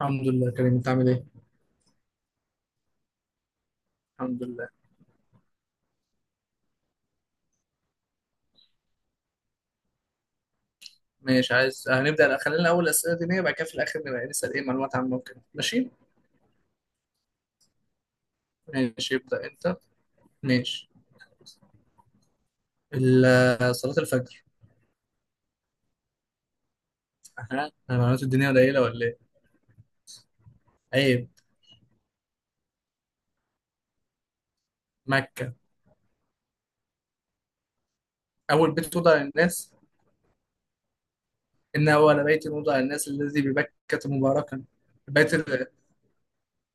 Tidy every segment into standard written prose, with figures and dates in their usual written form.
الحمد لله كريم، انت عامل ايه؟ الحمد لله. ماشي، عايز هنبدأ. لا، خلينا الأول أسئلة دينية، بعد كده في الآخر نبقى نسأل ايه معلومات عامة وكده، ماشي؟ ماشي، ابدأ انت. ماشي. صلاة الفجر. ها، المعلومات الدينية قليلة ولا ايه؟ عيب. مكة. أول بيت وضع للناس. إن أول بيت وضع للناس الذي ببكة مباركا. البيت ال...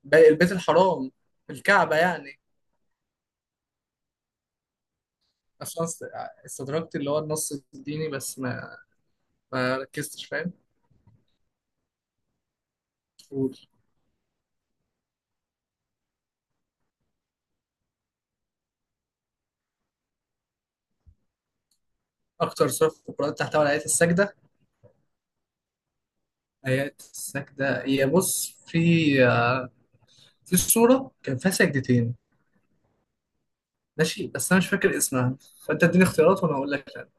البيت الحرام. الكعبة يعني. أصلا است- استدركت اللي هو النص الديني، بس ما ركزتش، فاهم؟ قول. أكتر سورة في القرآن تحتوي على آية السجدة. هي السجدة، هي بص في آه، في صورة كان فيها سجدتين. ماشي بس أنا مش فاكر اسمها. فأنت اديني اختيارات وأنا أقول لك أنا.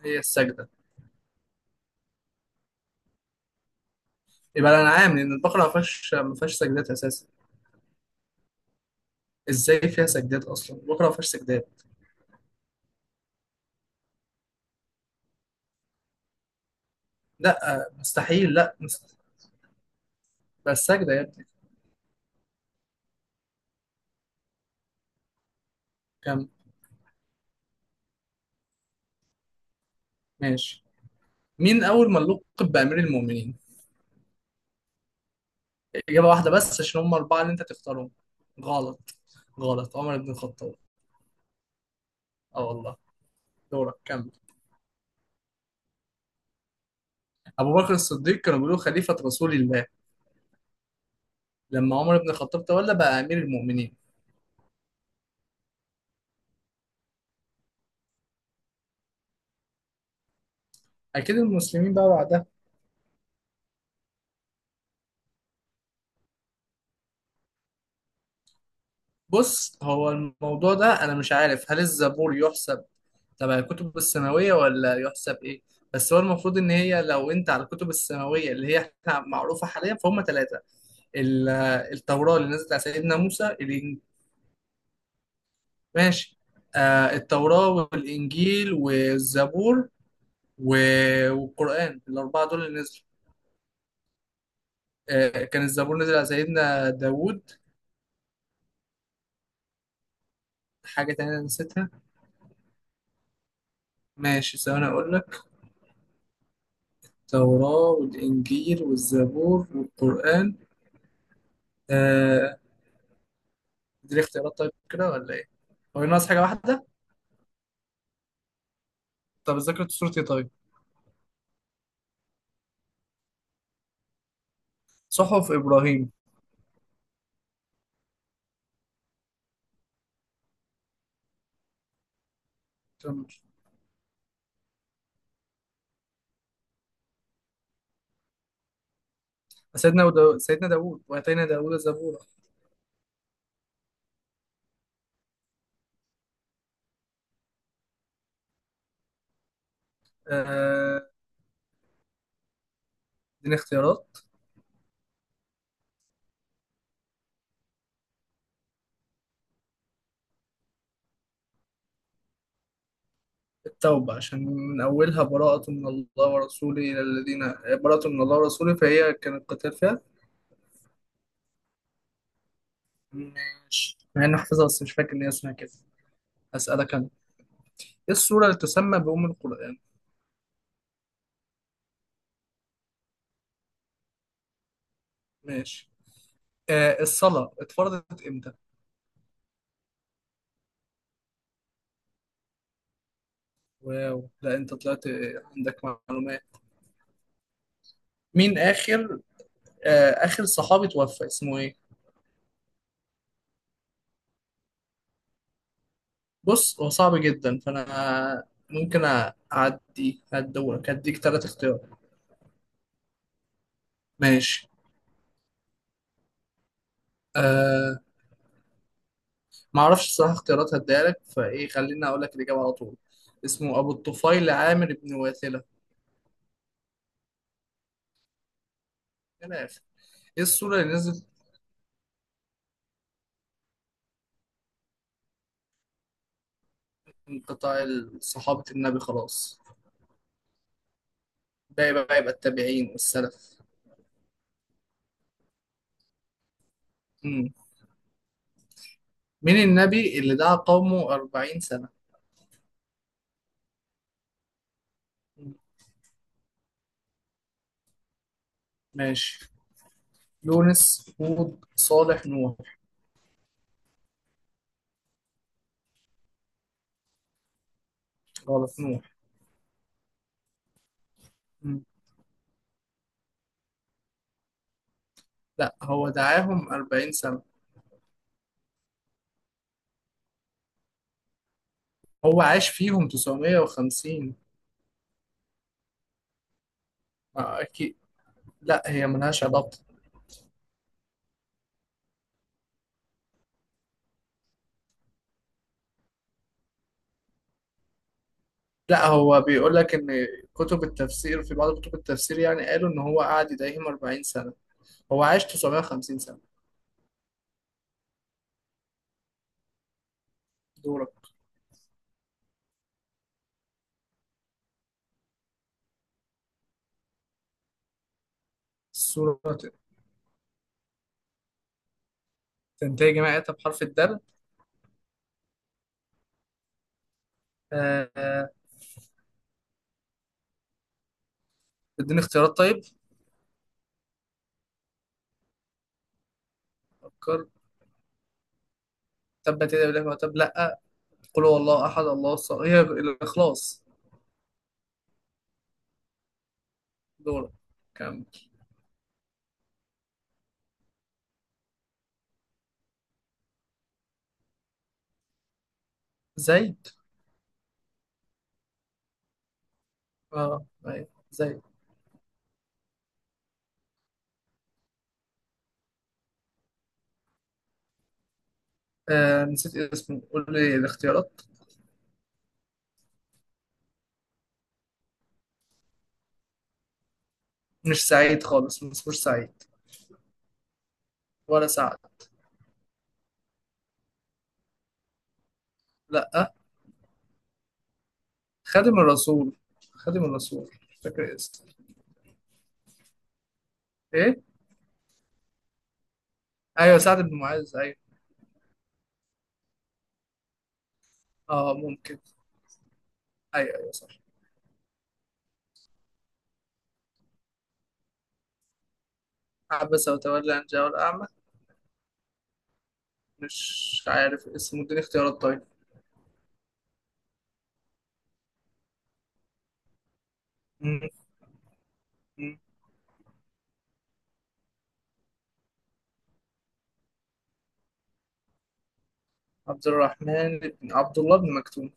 هي السجدة. يبقى الأنعام، لأن البقرة ما فيهاش سجدات أساسا. إزاي فيها سجدات، أصلا البقرة ما فيهاش سجدات. لا مستحيل، لا بس سجدة يا ابني. كم. ماشي. مين أول من لقب بأمير المؤمنين؟ إجابة واحدة بس، عشان هم الأربعة اللي أنت تختارهم. غلط. غلط، عمر بن الخطاب. أه والله. دورك، كمل. أبو بكر الصديق كانوا بيقولوا خليفة رسول الله. لما عمر بن الخطاب تولى بقى امير المؤمنين. اكيد المسلمين بقى بعدها. بص، هو الموضوع ده انا مش عارف هل الزبور يحسب تبع الكتب السماويه ولا يحسب ايه. بس هو المفروض ان هي، لو انت على الكتب السماويه اللي هي احنا معروفه حاليا، فهم ثلاثه. ال- التوراه اللي نزلت على سيدنا موسى ماشي. آه، التوراه والانجيل والزبور و- والقران، الاربعه دول اللي نزلوا. آه كان الزبور نزل على سيدنا داوود. حاجه تانية نسيتها. ماشي، ثواني أقول لك. التوراة والإنجيل والزبور والقرآن. آه. دي اختيارات طيب، كده ولا إيه؟ هو ناقص حاجة واحدة؟ طب ذاكرة سورة إيه طيب؟ صحف إبراهيم. كمل. سيدنا داوود، وآتينا داوود زبورا. آه. دي اختيارات. التوبة، عشان من أولها براءة من الله ورسوله إلى الذين، براءة من الله ورسوله، فهي كان القتال فيها. ماشي مع إني حافظها، بس مش فاكر إن هي اسمها كده. هسألك أنا. إيه السورة اللي تسمى بأم القرآن؟ ماشي. آه، الصلاة اتفرضت امتى؟ واو، لا انت طلعت عندك معلومات. مين اخر اخر صحابي توفى اسمه ايه؟ بص، هو صعب جدا فانا ممكن اعدي، هدورك هديك 3 اختيارات. ماشي. أه، ما اعرفش الصراحة، اختيارات هديها لك فايه، خليني اقول لك الاجابة على طول. اسمه ابو الطفيل عامر بن واثلة. من الاخر. ايه السورة اللي نزلت. من قطاع صحابة النبي خلاص. ده يبقى التابعين والسلف. مين النبي اللي دعا قومه 40 سنة؟ مم. ماشي. يونس، هود، صالح، نوح. غلط، نوح. مم. لا، هو دعاهم 40 سنة. هو عاش فيهم 950. آه، أكيد. لا هي ملهاش علاقة. لا هو بيقول لك إن كتب التفسير، في بعض كتب التفسير يعني، قالوا إن هو قعد يدعيهم 40 سنة. هو عاش 950 سنة. دورك. السورة تنتهي جماعة بحرف الدال. آه آه، اديني اختيارات طيب. فكر. تبت يدي ابي لهب وتب، لا. قل هو الله احد الله الصمد، هي الاخلاص. دور. كم. زيد. اه ايوه زيد. آه نسيت اسمه، قول لي الاختيارات. مش سعيد خالص، ما اسموش سعيد ولا سعد. لا. خادم الرسول، خادم الرسول مش فاكر اسمه. ايه. ايوه سعد بن معاذ ايوه. اه ممكن. ايوه ايوه صح. عبس وتولى ان جاءه الاعمى. مش عارف اسمه، اديني اختيارات طيب. م- م. عبد الرحمن بن عبد الله بن مكتوم.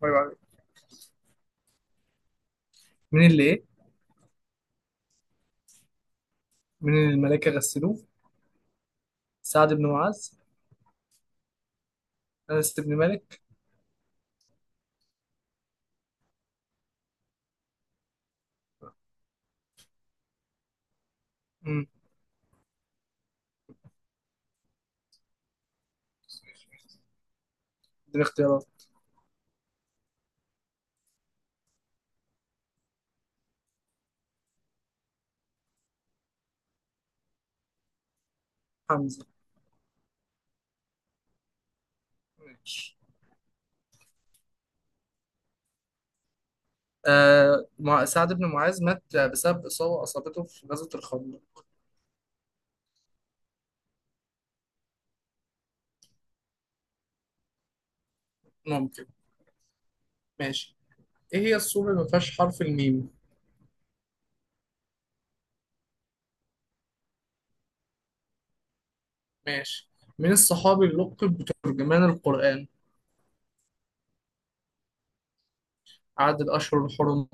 طيب، عارف. مين اللي ايه. من الملائكة غسلوه؟ سعد بن معاذ. أنس بن مالك. امم دي الاختيارات. حمزة. ماشي. سعد بن معاذ مات بسبب إصابة أصابته في غزوة الخندق. ممكن. ماشي. إيه هي السورة اللي ما فيهاش حرف الميم؟ ماشي. من الصحابي اللي لقب بترجمان القرآن؟ عدد الأشهر الحرم.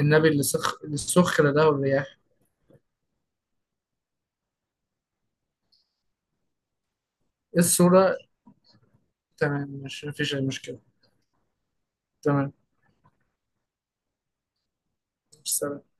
النبي اللي سخر له الرياح. إيه السورة. تمام، مش مفيش أي مشكلة. تمام. سلام.